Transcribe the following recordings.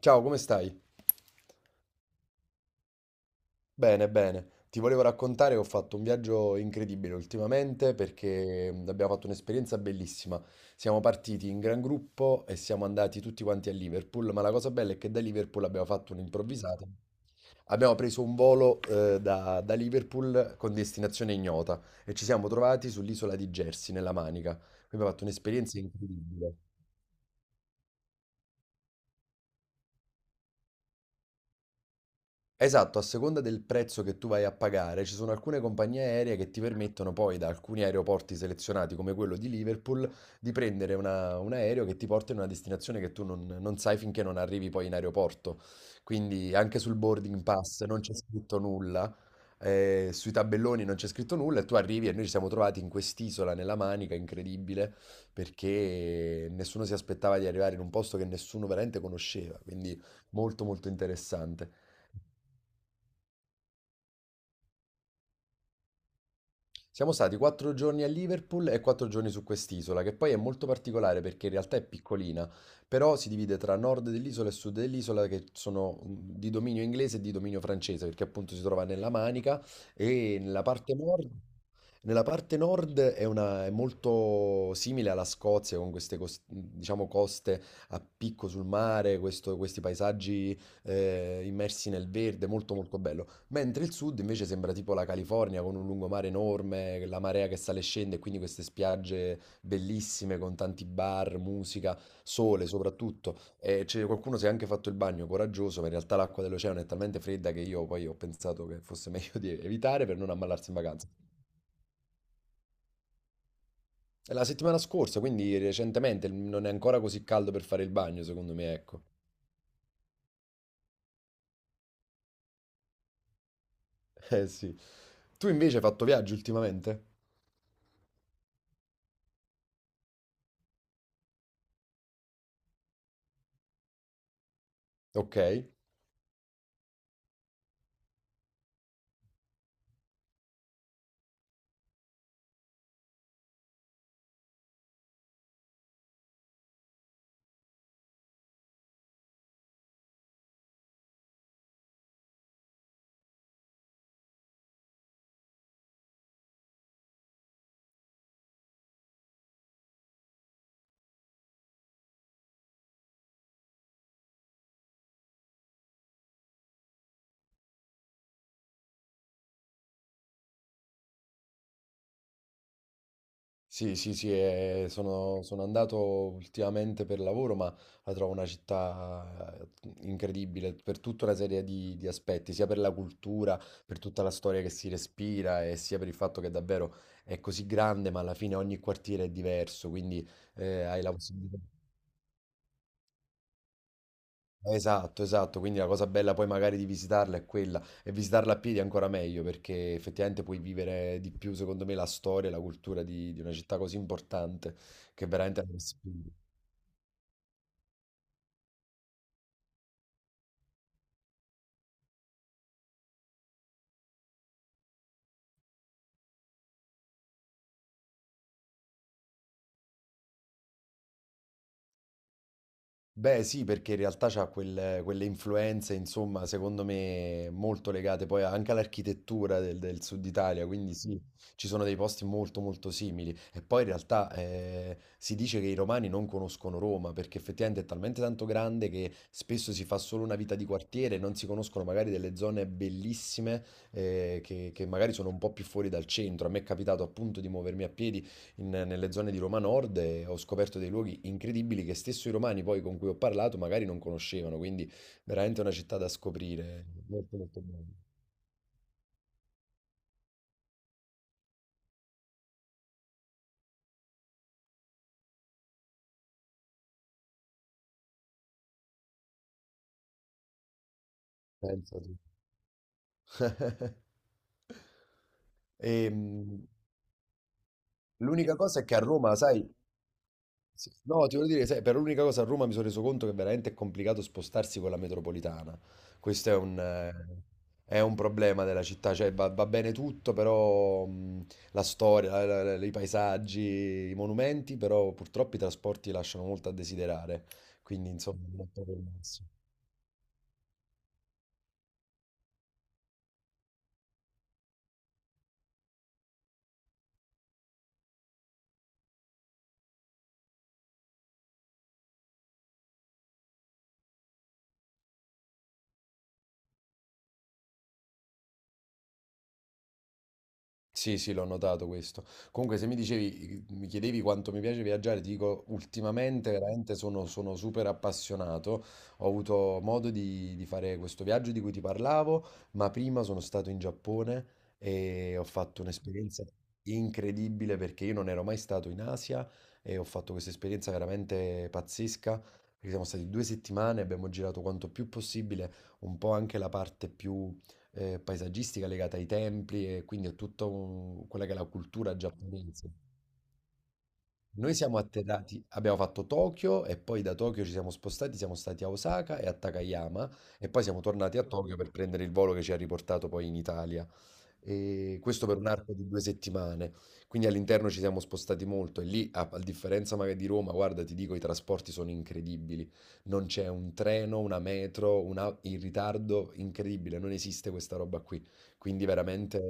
Ciao, come stai? Bene, bene. Ti volevo raccontare che ho fatto un viaggio incredibile ultimamente perché abbiamo fatto un'esperienza bellissima. Siamo partiti in gran gruppo e siamo andati tutti quanti a Liverpool, ma la cosa bella è che da Liverpool abbiamo fatto un'improvvisata. Abbiamo preso un volo da Liverpool con destinazione ignota e ci siamo trovati sull'isola di Jersey, nella Manica. Quindi abbiamo fatto un'esperienza incredibile. Esatto, a seconda del prezzo che tu vai a pagare, ci sono alcune compagnie aeree che ti permettono poi da alcuni aeroporti selezionati, come quello di Liverpool, di prendere un aereo che ti porta in una destinazione che tu non sai finché non arrivi poi in aeroporto. Quindi anche sul boarding pass non c'è scritto nulla, sui tabelloni non c'è scritto nulla e tu arrivi e noi ci siamo trovati in quest'isola, nella Manica, incredibile, perché nessuno si aspettava di arrivare in un posto che nessuno veramente conosceva, quindi molto molto interessante. Siamo stati 4 giorni a Liverpool e 4 giorni su quest'isola, che poi è molto particolare perché in realtà è piccolina, però si divide tra nord dell'isola e sud dell'isola che sono di dominio inglese e di dominio francese, perché appunto si trova nella Manica e nella parte nord è molto simile alla Scozia, con queste diciamo, coste a picco sul mare, questi paesaggi immersi nel verde, molto molto bello. Mentre il sud invece sembra tipo la California con un lungomare enorme, la marea che sale e scende, e quindi queste spiagge bellissime con tanti bar, musica, sole soprattutto. E c'è qualcuno si è anche fatto il bagno coraggioso, ma in realtà l'acqua dell'oceano è talmente fredda che io poi ho pensato che fosse meglio di evitare per non ammalarsi in vacanza. È la settimana scorsa, quindi recentemente, non è ancora così caldo per fare il bagno, secondo me, ecco. Eh sì. Tu invece hai fatto viaggio ultimamente? Ok. Sì, sì, sì, sono andato ultimamente per lavoro, ma la trovo una città incredibile per tutta una serie di aspetti, sia per la cultura, per tutta la storia che si respira e sia per il fatto che davvero è così grande, ma alla fine ogni quartiere è diverso, quindi hai la possibilità. Esatto, esatto, quindi la cosa bella poi magari di visitarla è quella e visitarla a piedi è ancora meglio perché effettivamente puoi vivere di più, secondo me, la storia e la cultura di una città così importante che veramente è una sfida. Beh, sì, perché in realtà c'ha quelle influenze, insomma, secondo me molto legate poi anche all'architettura del sud Italia, quindi sì, ci sono dei posti molto molto simili. E poi in realtà si dice che i romani non conoscono Roma, perché effettivamente è talmente tanto grande che spesso si fa solo una vita di quartiere, non si conoscono magari delle zone bellissime che magari sono un po' più fuori dal centro. A me è capitato appunto di muovermi a piedi nelle zone di Roma Nord e ho scoperto dei luoghi incredibili che stesso i romani poi con cui ho parlato magari non conoscevano, quindi veramente una città da scoprire, molto molto bella. Pensa tu. E l'unica cosa è che a Roma, sai. Sì. No, ti voglio dire, sai, per l'unica cosa a Roma mi sono reso conto che veramente è complicato spostarsi con la metropolitana. Questo è un problema della città, cioè va bene tutto, però la storia, i paesaggi, i monumenti, però purtroppo i trasporti lasciano molto a desiderare. Quindi, insomma, non è proprio il massimo. Sì, sì, l'ho notato questo. Comunque, se mi dicevi, mi chiedevi quanto mi piace viaggiare, ti dico, ultimamente veramente sono super appassionato. Ho avuto modo di fare questo viaggio di cui ti parlavo, ma prima sono stato in Giappone e ho fatto un'esperienza incredibile perché io non ero mai stato in Asia e ho fatto questa esperienza veramente pazzesca. Perché siamo stati 2 settimane, abbiamo girato quanto più possibile, un po' anche la parte più paesaggistica legata ai templi e quindi a tutta quella che è la cultura giapponese. Noi siamo atterrati, abbiamo fatto Tokyo e poi da Tokyo ci siamo spostati, siamo stati a Osaka e a Takayama e poi siamo tornati a Tokyo per prendere il volo che ci ha riportato poi in Italia. E questo per un arco di 2 settimane. Quindi all'interno ci siamo spostati molto e lì, a differenza magari di Roma, guarda, ti dico, i trasporti sono incredibili. Non c'è un treno, una metro, una, in ritardo incredibile, non esiste questa roba qui. Quindi veramente.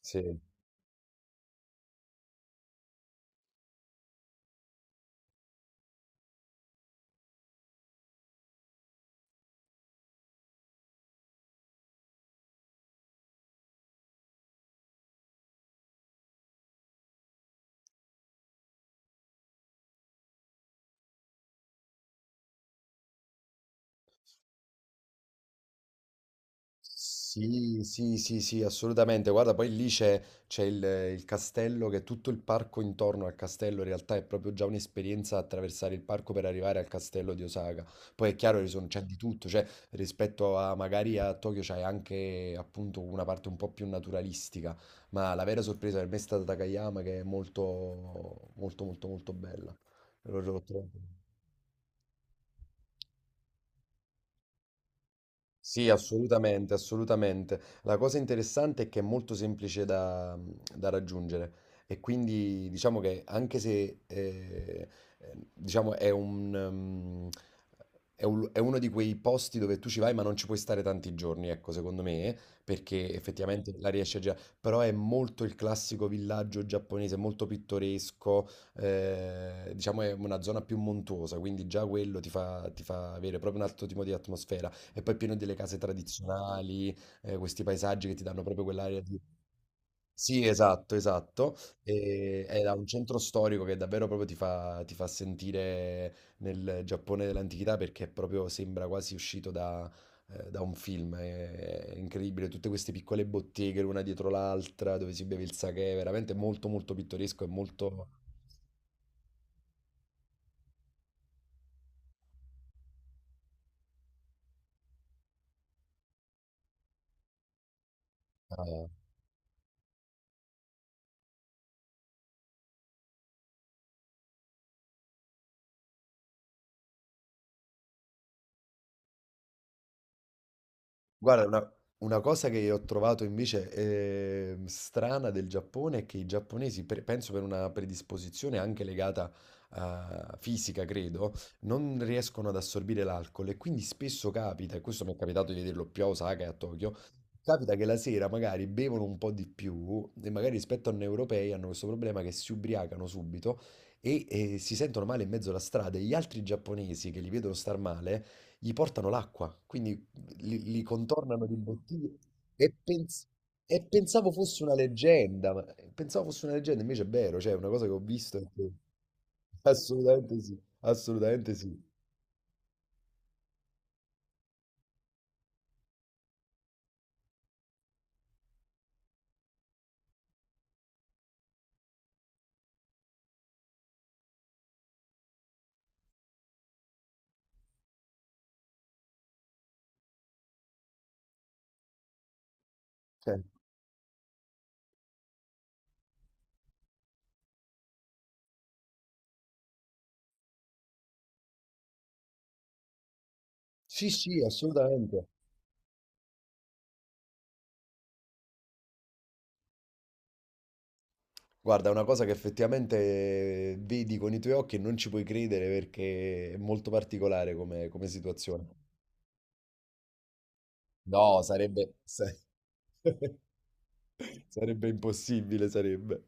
Sì. Sì, sì, sì, sì, assolutamente. Guarda, poi lì c'è il castello, che tutto il parco intorno al castello in realtà è proprio già un'esperienza attraversare il parco per arrivare al castello di Osaka. Poi è chiaro che c'è di tutto, cioè rispetto a magari a Tokyo c'è anche appunto una parte un po' più naturalistica, ma la vera sorpresa per me è stata Takayama che è molto, molto, molto, molto bella. Lo trovo. Sì, assolutamente, assolutamente. La cosa interessante è che è molto semplice da raggiungere e quindi diciamo che anche se diciamo è uno di quei posti dove tu ci vai ma non ci puoi stare tanti giorni, ecco, secondo me, perché effettivamente la riesci a girare, però è molto il classico villaggio giapponese, molto pittoresco, diciamo è una zona più montuosa, quindi già quello ti fa avere proprio un altro tipo di atmosfera e poi è pieno delle case tradizionali, questi paesaggi che ti danno proprio quell'area di. Sì, esatto, esatto. Ed ha un centro storico che davvero proprio ti fa sentire nel Giappone dell'antichità perché proprio sembra quasi uscito da un film. È incredibile, tutte queste piccole botteghe l'una dietro l'altra dove si beve il sake, veramente molto molto pittoresco e molto. eh, Guarda, una cosa che ho trovato invece strana del Giappone è che i giapponesi, penso per una predisposizione anche legata a fisica, credo, non riescono ad assorbire l'alcol e quindi spesso capita, e questo mi è capitato di vederlo più a Osaka e a Tokyo, capita che la sera magari bevono un po' di più e magari rispetto a noi europei hanno questo problema che si ubriacano subito e, si sentono male in mezzo alla strada e gli altri giapponesi che li vedono star male gli portano l'acqua. Quindi li contornano di bottiglie e, pens- e pensavo fosse una leggenda, ma pensavo fosse una leggenda, invece è vero, cioè è una cosa che ho visto. Assolutamente sì, assolutamente sì. Cioè, sì, sì, assolutamente. Guarda, è una cosa che effettivamente vedi con i tuoi occhi e non ci puoi credere perché è molto particolare come situazione. No, sarebbe impossibile, sarebbe.